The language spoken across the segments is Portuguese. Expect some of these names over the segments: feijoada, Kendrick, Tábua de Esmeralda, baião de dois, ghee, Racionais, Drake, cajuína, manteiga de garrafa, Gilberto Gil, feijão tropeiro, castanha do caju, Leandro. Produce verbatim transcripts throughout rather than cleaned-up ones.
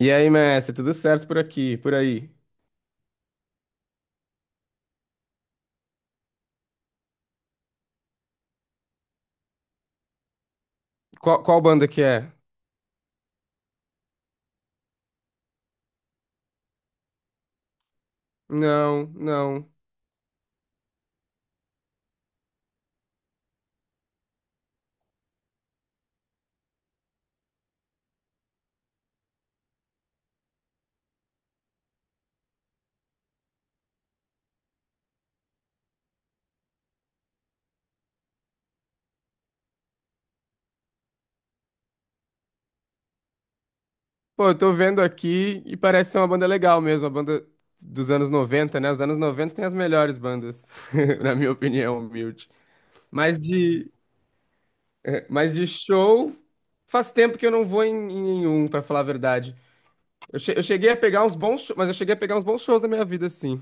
E aí, mestre, tudo certo por aqui, por aí? Qual, qual banda que é? Não, não. Pô, eu tô vendo aqui e parece ser uma banda legal mesmo, uma banda dos anos noventa, né? Os anos noventa tem as melhores bandas, na minha opinião, humilde. Mas de, mas de show, faz tempo que eu não vou em, em nenhum, pra falar a verdade. Eu, che- eu cheguei a pegar uns bons, sho- mas eu cheguei a pegar uns bons shows na minha vida, sim.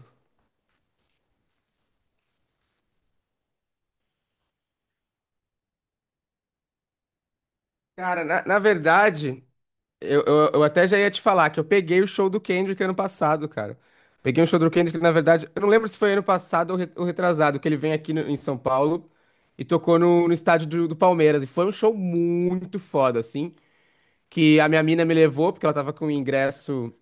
Cara, na, na verdade, Eu, eu, eu até já ia te falar que eu peguei o show do Kendrick ano passado, cara. Peguei o show do Kendrick, na verdade, eu não lembro se foi ano passado ou re- ou retrasado, que ele vem aqui no- em São Paulo e tocou no, no estádio do, do Palmeiras. E foi um show muito foda, assim, que a minha mina me levou, porque ela tava com o ingresso.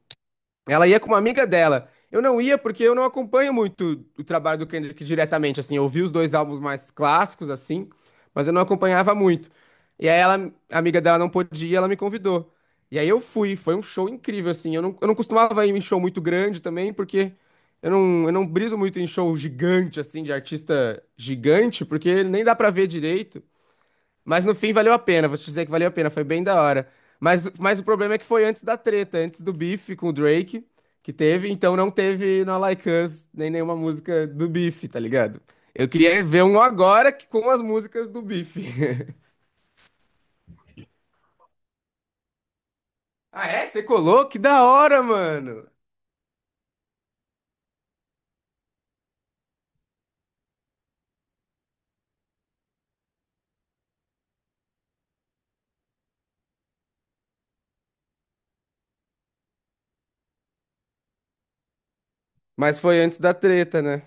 Ela ia com uma amiga dela. Eu não ia porque eu não acompanho muito o trabalho do Kendrick diretamente, assim. Eu ouvi os dois álbuns mais clássicos, assim, mas eu não acompanhava muito. E aí ela, a amiga dela não podia ir, ela me convidou. E aí eu fui, foi um show incrível, assim. Eu não, eu não costumava ir em show muito grande também, porque eu não, eu não briso muito em show gigante, assim, de artista gigante, porque nem dá pra ver direito. Mas no fim valeu a pena, vou te dizer que valeu a pena, foi bem da hora. Mas, mas o problema é que foi antes da treta, antes do Beef com o Drake, que teve, então não teve na Like Us nem nenhuma música do Beef, tá ligado? Eu queria ver um agora que- com as músicas do Beef. Ah, é? Você colou? Que da hora, mano! Mas foi antes da treta, né?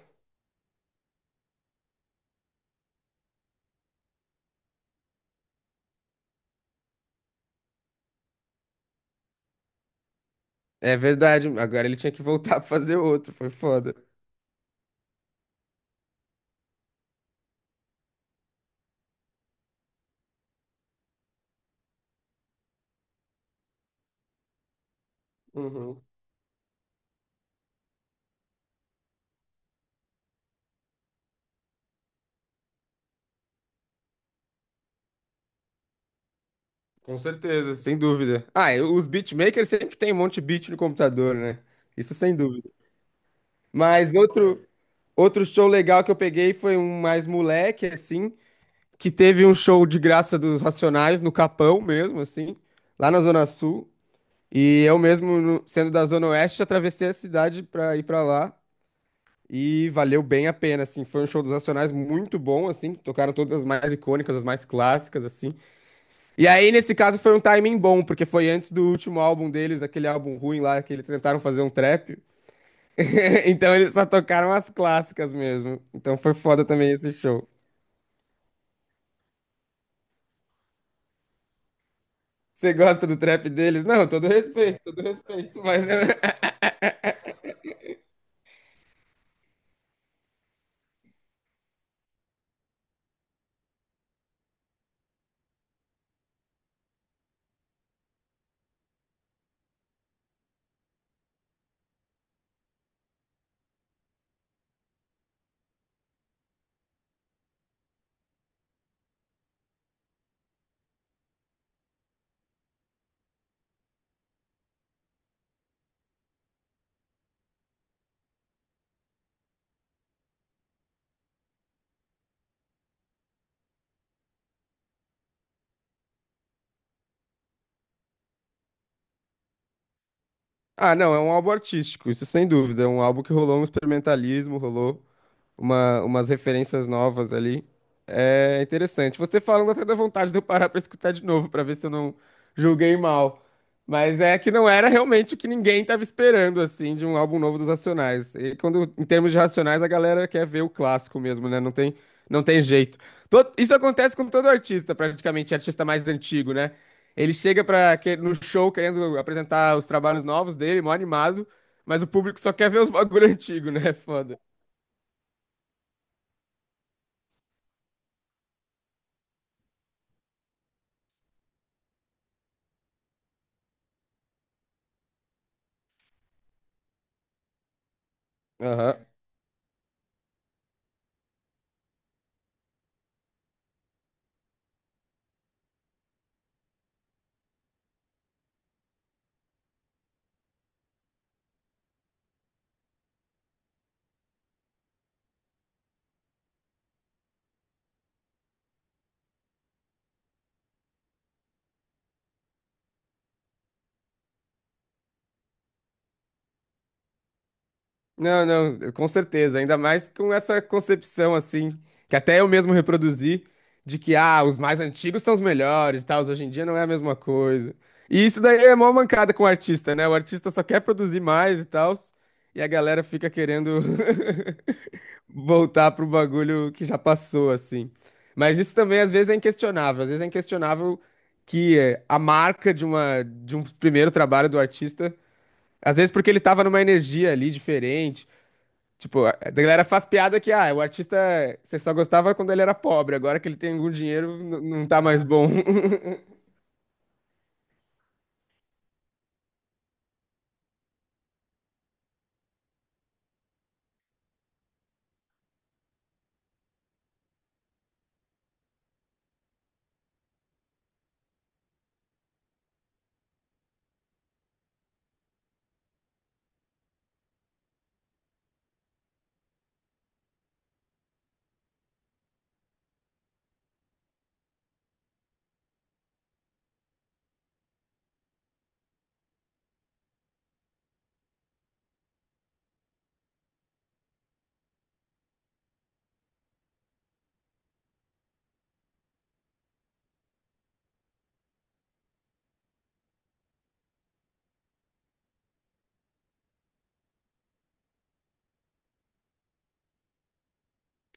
É verdade, agora ele tinha que voltar pra fazer outro, foi foda. Uhum. Com certeza, sem dúvida. Ah, e os beatmakers sempre tem um monte de beat no computador, né? Isso sem dúvida. Mas outro, outro show legal que eu peguei foi um mais moleque, assim, que teve um show de graça dos Racionais no Capão mesmo, assim, lá na Zona Sul. E eu mesmo, no- sendo da Zona Oeste, atravessei a cidade pra ir pra lá. E valeu bem a pena, assim. Foi um show dos Racionais muito bom, assim. Tocaram todas as mais icônicas, as mais clássicas, assim. E aí, nesse caso, foi um timing bom, porque foi antes do último álbum deles, aquele álbum ruim lá que eles tentaram fazer um trap. Então eles só tocaram as clássicas mesmo. Então foi foda também esse show. Você gosta do trap deles? Não, todo respeito, todo respeito, mas... Ah, não, é um álbum artístico, isso sem dúvida. É um álbum que rolou um experimentalismo, rolou uma, umas referências novas ali. É interessante. Você falando até dá vontade de eu parar pra escutar de novo, pra ver se eu não julguei mal. Mas é que não era realmente o que ninguém tava esperando, assim, de um álbum novo dos Racionais. E quando, em termos de Racionais, a galera quer ver o clássico mesmo, né? Não tem, não tem jeito. To- isso acontece com todo artista, praticamente, artista mais antigo, né? Ele chega para no show querendo apresentar os trabalhos novos dele, mó animado, mas o público só quer ver os bagulho antigo, né? É foda. Aham. Não, não, com certeza, ainda mais com essa concepção assim, que até eu mesmo reproduzi, de que ah, os mais antigos são os melhores e tal, os hoje em dia não é a mesma coisa. E isso daí é mó mancada com o artista, né? O artista só quer produzir mais e tal, e a galera fica querendo voltar pro bagulho que já passou, assim. Mas isso também às vezes é inquestionável, às vezes é inquestionável que eh, a marca de uma, de um primeiro trabalho do artista, às vezes porque ele tava numa energia ali diferente. Tipo, a a galera faz piada que, ah, o artista você só gostava quando ele era pobre, agora que ele tem algum dinheiro, n- não tá mais bom.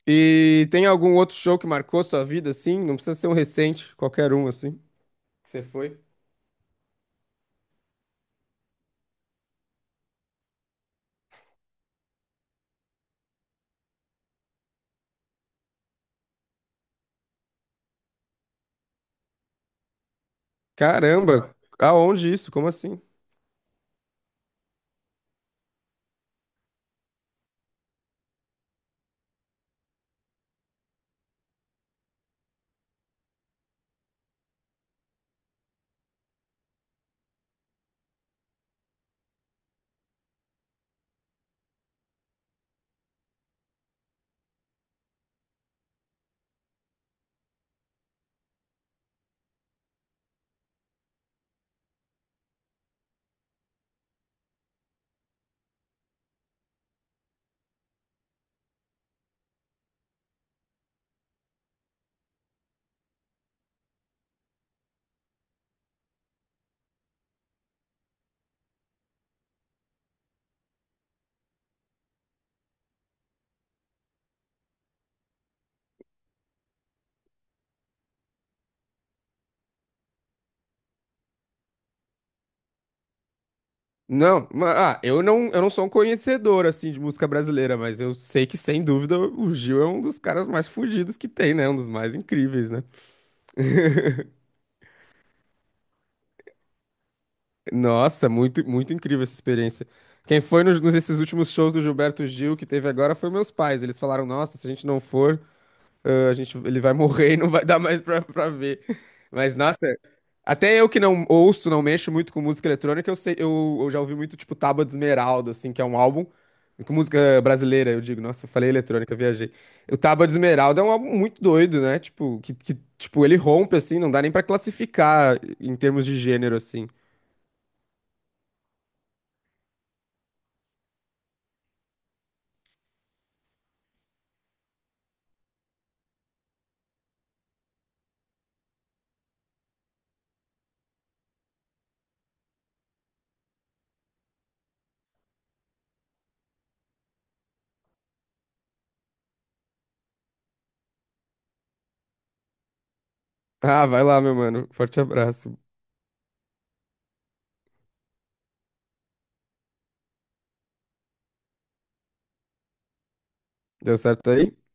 E tem algum outro show que marcou sua vida, assim? Não precisa ser um recente, qualquer um, assim. Que você foi? Caramba, aonde isso? Como assim? Não, ma- ah, eu não, eu não sou um conhecedor, assim, de música brasileira, mas eu sei que, sem dúvida, o Gil é um dos caras mais fudidos que tem, né? Um dos mais incríveis, né? Nossa, muito, muito incrível essa experiência. Quem foi nos, nos esses últimos shows do Gilberto Gil que teve agora foi meus pais. Eles falaram: Nossa, se a gente não for, ãh, a gente, ele vai morrer e não vai dar mais pra, pra ver. Mas, nossa, até eu que não ouço, não mexo muito com música eletrônica, eu sei, eu, eu já ouvi muito, tipo, Tábua de Esmeralda, assim, que é um álbum. Com música brasileira, eu digo, nossa, eu falei eletrônica, eu viajei. O Tábua de Esmeralda é um álbum muito doido, né? Tipo, que, que, tipo, ele rompe, assim, não dá nem pra classificar em termos de gênero, assim. Ah, vai lá, meu mano. Forte abraço. Deu certo aí?